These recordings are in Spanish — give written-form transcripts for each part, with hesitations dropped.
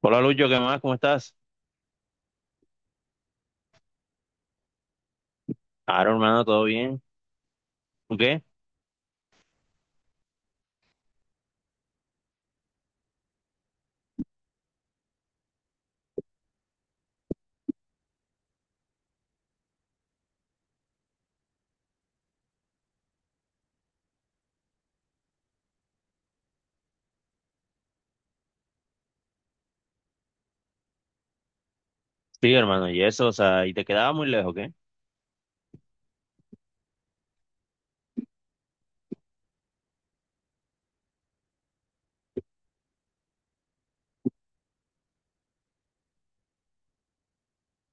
Hola Lucho, ¿qué más? ¿Cómo estás? Claro, hermano, ¿todo bien? ¿Tú qué? Sí, hermano, y eso, o sea, y te quedaba muy lejos, ¿qué?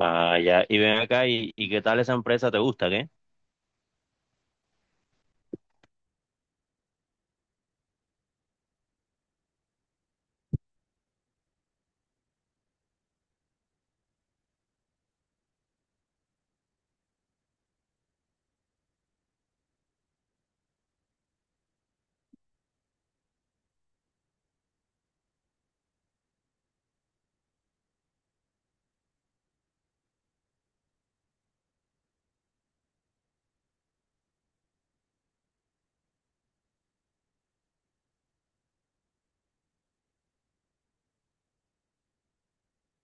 Ah, ya, y ven acá, y qué tal esa empresa? ¿Te gusta, qué?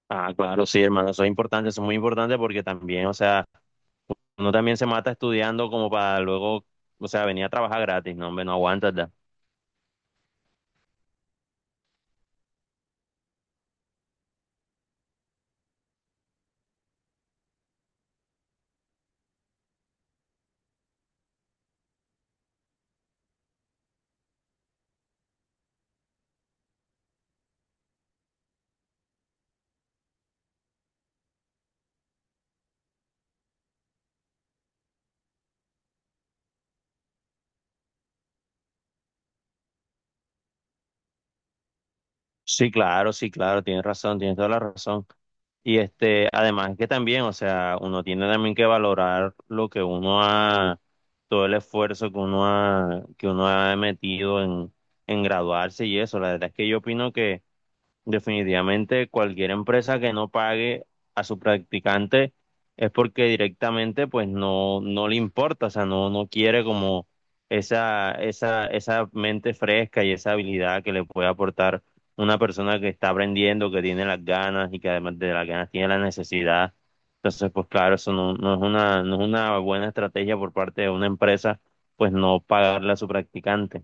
Ah, claro, sí, hermano, eso es importante, eso es muy importante porque también, o sea, uno también se mata estudiando como para luego, o sea, venir a trabajar gratis, no, hombre, no aguantas, ¿da? Sí, claro, sí, claro, tienes razón, tienes toda la razón. Y este, además que también, o sea, uno tiene también que valorar lo que uno ha, todo el esfuerzo que uno ha metido en graduarse y eso. La verdad es que yo opino que definitivamente cualquier empresa que no pague a su practicante es porque directamente pues no le importa, o sea, no quiere como esa mente fresca y esa habilidad que le puede aportar una persona que está aprendiendo, que tiene las ganas y que además de las ganas tiene la necesidad. Entonces, pues claro, eso no es una, no es una buena estrategia por parte de una empresa, pues no pagarle a su practicante.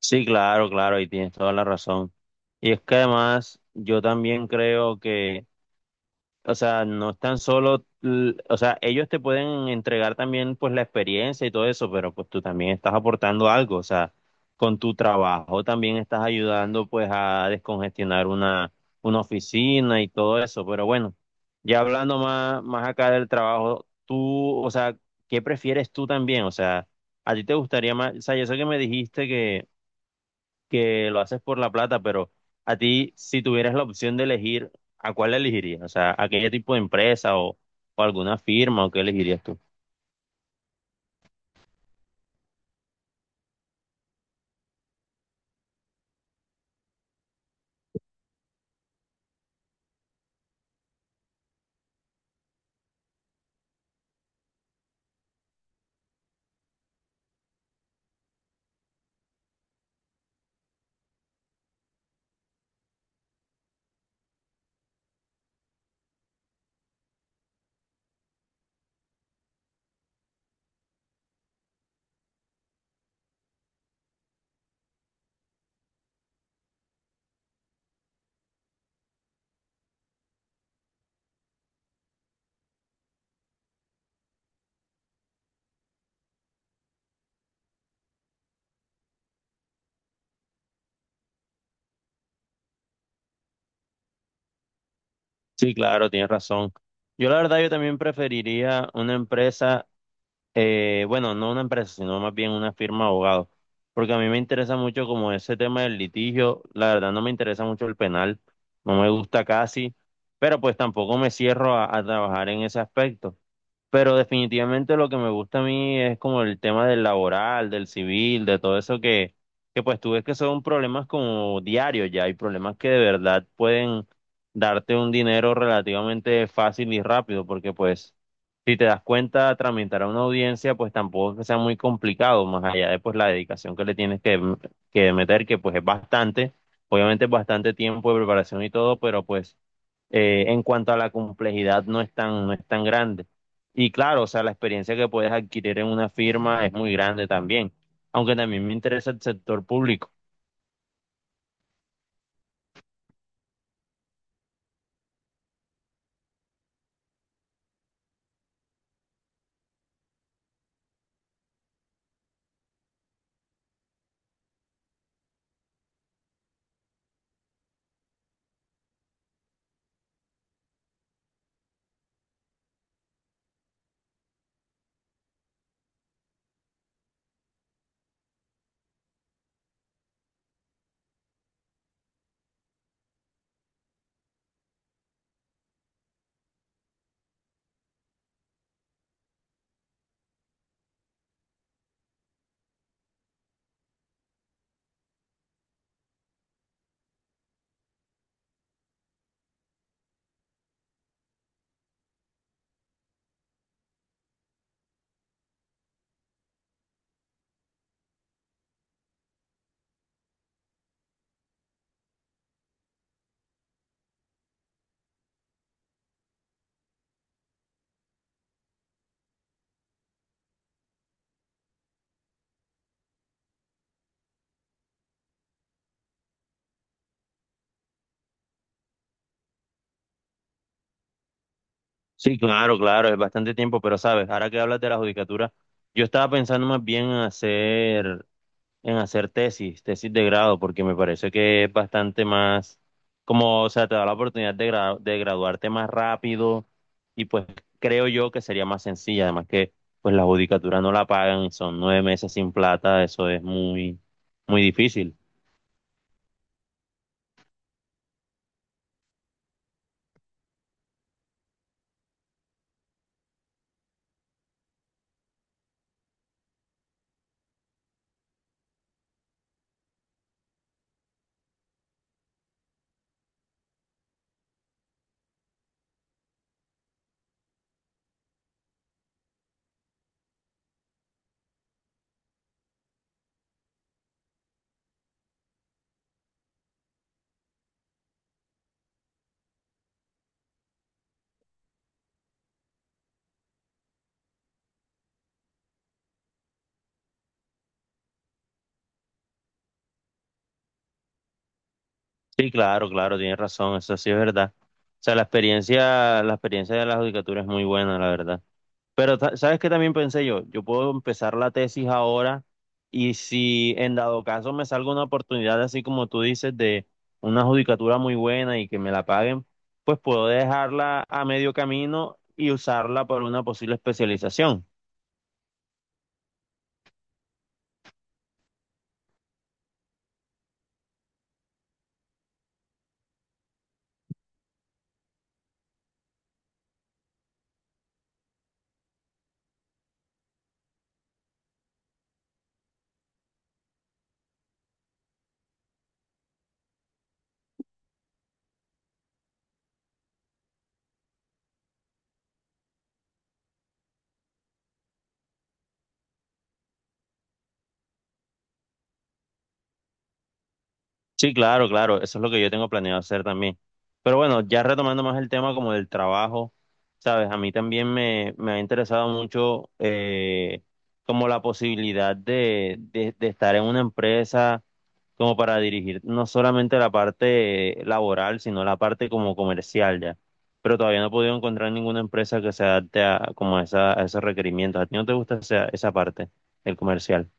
Sí, claro, claro, y tienes toda la razón. Y es que además yo también creo que, o sea, no es tan solo, o sea, ellos te pueden entregar también pues la experiencia y todo eso, pero pues tú también estás aportando algo, o sea, con tu trabajo también estás ayudando pues a descongestionar una oficina y todo eso, pero bueno, ya hablando más, más acá del trabajo, tú, o sea, ¿qué prefieres tú también? O sea, ¿a ti te gustaría más, o sea, yo sé que me dijiste que lo haces por la plata, pero a ti, si tuvieras la opción de elegir, ¿a cuál elegirías? O sea, ¿a qué tipo de empresa o alguna firma o qué elegirías tú? Sí, claro, tienes razón. Yo la verdad, yo también preferiría una empresa. Bueno, no una empresa, sino más bien una firma de abogados, porque a mí me interesa mucho como ese tema del litigio, la verdad no me interesa mucho el penal, no me gusta casi, pero pues tampoco me cierro a trabajar en ese aspecto. Pero definitivamente lo que me gusta a mí es como el tema del laboral, del civil, de todo eso que pues tú ves que son problemas como diarios ya, hay problemas que de verdad pueden darte un dinero relativamente fácil y rápido, porque pues si te das cuenta, tramitar a una audiencia, pues tampoco es que sea muy complicado, más allá de pues la dedicación que le tienes que meter, que pues es bastante, obviamente es bastante tiempo de preparación y todo, pero pues en cuanto a la complejidad no es tan, no es tan grande. Y claro, o sea, la experiencia que puedes adquirir en una firma es muy grande también, aunque también me interesa el sector público. Sí, claro, claro, es bastante tiempo, pero sabes, ahora que hablas de la judicatura, yo estaba pensando más bien en hacer tesis, tesis de grado, porque me parece que es bastante más, como, o sea, te da la oportunidad de, de graduarte más rápido y pues creo yo que sería más sencilla, además que pues la judicatura no la pagan, son 9 meses sin plata, eso es muy, muy difícil. Sí, claro, claro, tienes razón, eso sí es verdad. O sea, la experiencia de la judicatura es muy buena, la verdad. Pero, ¿sabes qué también pensé yo? Yo puedo empezar la tesis ahora y si en dado caso me salga una oportunidad, así como tú dices, de una judicatura muy buena y que me la paguen, pues puedo dejarla a medio camino y usarla para una posible especialización. Sí, claro, claro, eso es lo que yo tengo planeado hacer también. Pero bueno, ya retomando más el tema como del trabajo, sabes, a mí también me ha interesado mucho como la posibilidad de, de estar en una empresa como para dirigir no solamente la parte laboral, sino la parte como comercial ya. Pero todavía no he podido encontrar ninguna empresa que se adapte a, como a, esa, a esos requerimientos. ¿A ti no te gusta esa, esa parte, el comercial?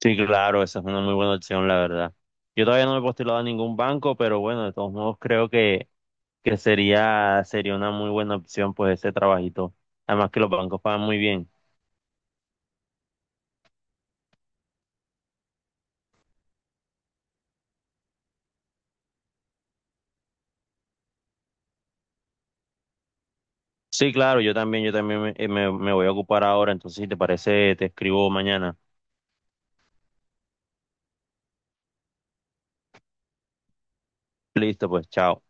Sí, claro, esa es una muy buena opción, la verdad. Yo todavía no me he postulado a ningún banco, pero bueno, de todos modos creo que sería, sería una muy buena opción pues ese trabajito. Además que los bancos pagan muy bien. Sí, claro, yo también me voy a ocupar ahora, entonces si te parece, te escribo mañana. Listo, pues, chao.